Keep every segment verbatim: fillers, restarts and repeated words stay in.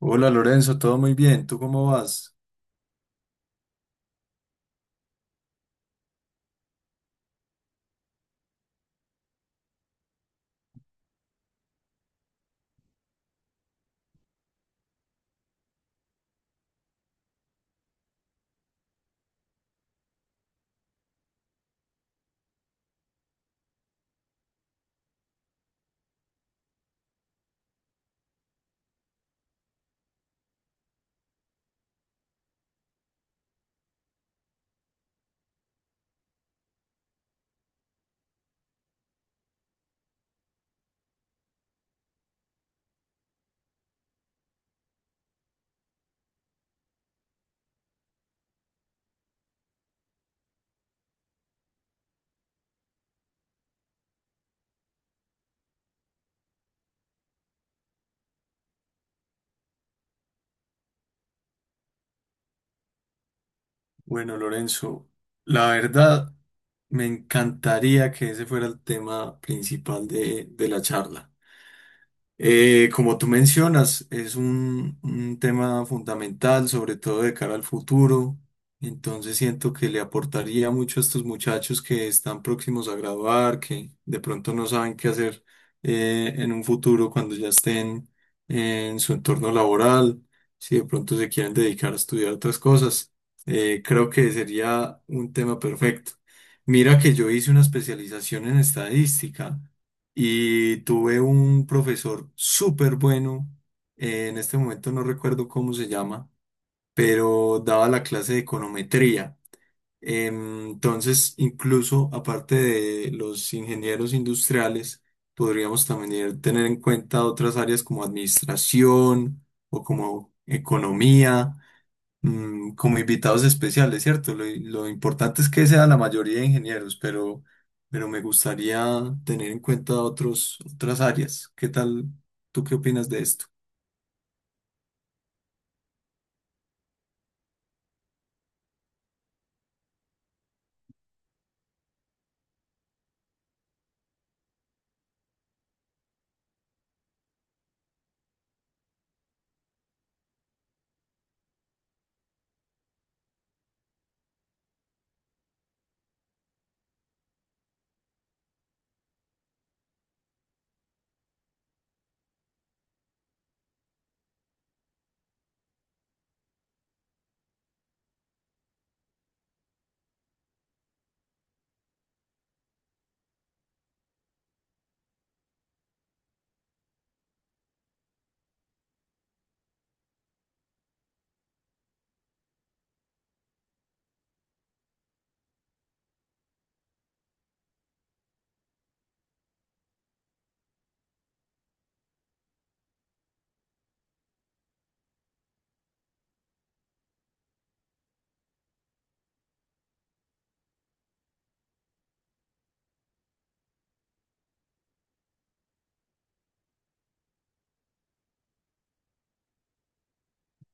Hola Lorenzo, todo muy bien, ¿tú cómo vas? Bueno, Lorenzo, la verdad me encantaría que ese fuera el tema principal de, de la charla. Eh, como tú mencionas, es un, un tema fundamental, sobre todo de cara al futuro. Entonces siento que le aportaría mucho a estos muchachos que están próximos a graduar, que de pronto no saben qué hacer eh, en un futuro cuando ya estén en su entorno laboral, si de pronto se quieren dedicar a estudiar otras cosas. Eh, creo que sería un tema perfecto. Mira que yo hice una especialización en estadística. Y tuve un profesor súper bueno, eh, en este momento no recuerdo cómo se llama, pero daba la clase de econometría. Em, Entonces, incluso aparte de los ingenieros industriales, podríamos también tener en cuenta otras áreas como administración o como economía, mm, como invitados especiales, ¿cierto? Lo, lo importante es que sea la mayoría de ingenieros, pero, pero me gustaría tener en cuenta otros, otras áreas. ¿Qué tal? ¿Tú qué opinas de esto?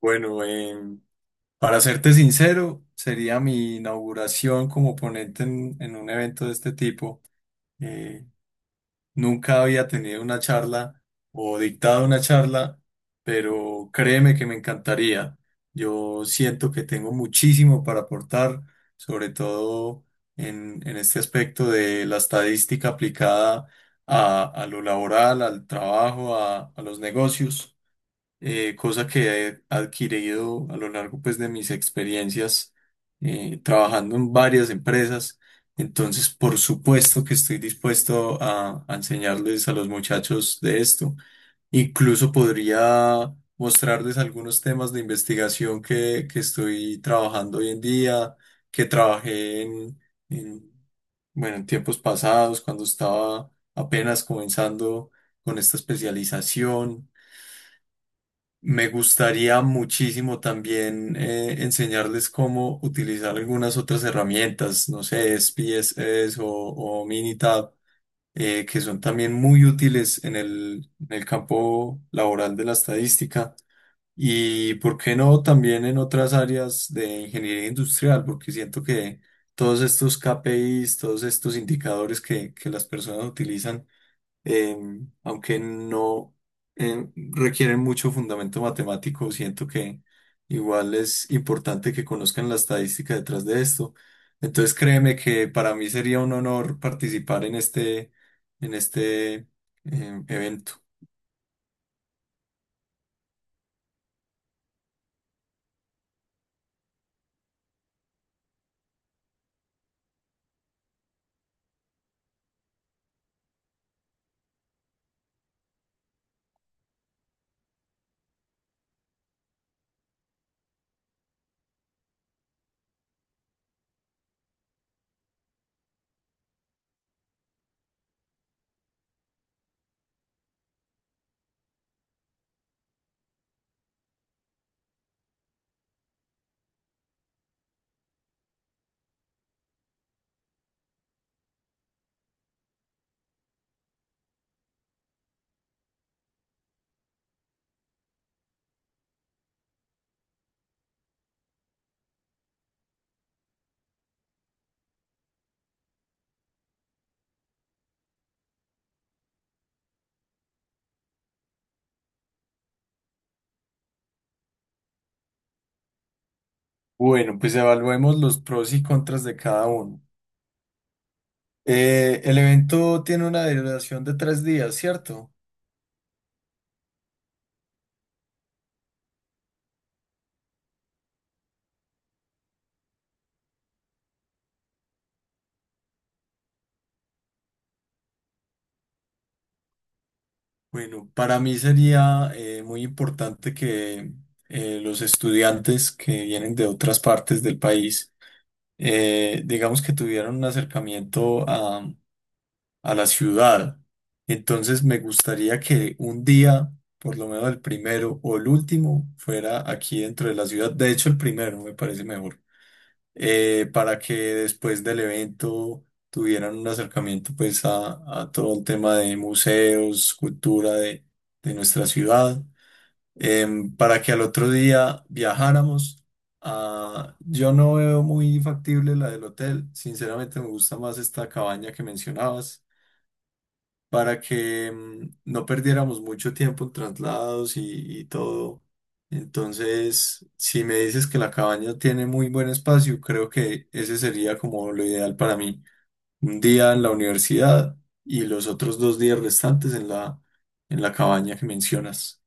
Bueno, em, para serte sincero, sería mi inauguración como ponente en, en un evento de este tipo. Eh, Nunca había tenido una charla o dictado una charla, pero créeme que me encantaría. Yo siento que tengo muchísimo para aportar, sobre todo en, en este aspecto de la estadística aplicada a, a lo laboral, al trabajo, a, a los negocios, eh, cosa que he adquirido a lo largo pues de mis experiencias eh, trabajando en varias empresas. Entonces, por supuesto que estoy dispuesto a, a enseñarles a los muchachos de esto. Incluso podría mostrarles algunos temas de investigación que, que estoy trabajando hoy en día, que trabajé en, en, bueno, en tiempos pasados, cuando estaba apenas comenzando con esta especialización. Me gustaría muchísimo también eh, enseñarles cómo utilizar algunas otras herramientas, no sé, S P S S o, o Minitab, eh, que son también muy útiles en el, en el campo laboral de la estadística. Y por qué no también en otras áreas de ingeniería industrial, porque siento que todos estos K P Is, todos estos indicadores que, que las personas utilizan, eh, aunque no eh, requieren mucho fundamento matemático, siento que igual es importante que conozcan la estadística detrás de esto. Entonces créeme que para mí sería un honor participar en este, en este eh, evento. Bueno, pues evaluemos los pros y contras de cada uno. Eh, el evento tiene una duración de tres días, ¿cierto? Bueno, para mí sería eh, muy importante que eh, los estudiantes que vienen de otras partes del país, eh, digamos que tuvieran un acercamiento a, a la ciudad. Entonces me gustaría que un día, por lo menos el primero o el último, fuera aquí dentro de la ciudad. De hecho, el primero me parece mejor eh, para que después del evento tuvieran un acercamiento pues a, a todo el tema de museos, cultura de, de nuestra ciudad, em, para que al otro día viajáramos. Ah, yo no veo muy factible la del hotel, sinceramente me gusta más esta cabaña que mencionabas para que mm, no perdiéramos mucho tiempo en traslados y, y todo. Entonces, si me dices que la cabaña tiene muy buen espacio, creo que ese sería como lo ideal para mí. Un día en la universidad y los otros dos días restantes en la, en la cabaña que mencionas.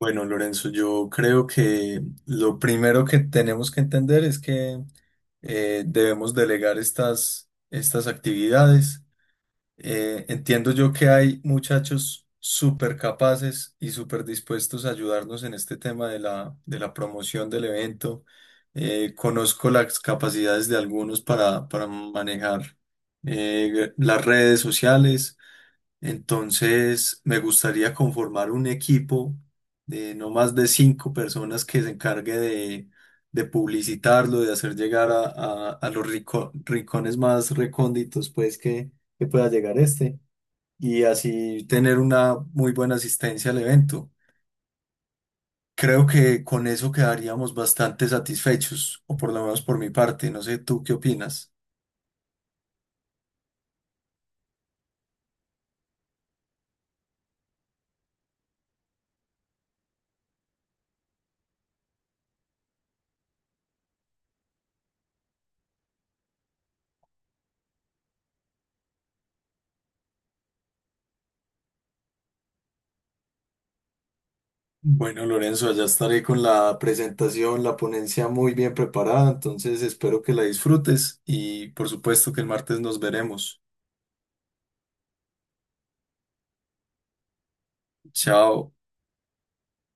Bueno, Lorenzo, yo creo que lo primero que tenemos que entender es que eh, debemos delegar estas, estas actividades. Eh, entiendo yo que hay muchachos súper capaces y súper dispuestos a ayudarnos en este tema de la, de la promoción del evento. Eh, conozco las capacidades de algunos para, para manejar eh, las redes sociales. Entonces, me gustaría conformar un equipo de no más de cinco personas que se encargue de, de publicitarlo, de hacer llegar a, a- a los rico- rincones más recónditos, pues, que, que pueda llegar este. Y así tener una muy buena asistencia al evento. Creo que con eso quedaríamos bastante satisfechos, o por lo menos por mi parte. No sé, ¿tú qué opinas? Bueno, Lorenzo, allá estaré con la presentación, la ponencia muy bien preparada, entonces espero que la disfrutes y por supuesto que el martes nos veremos. Chao.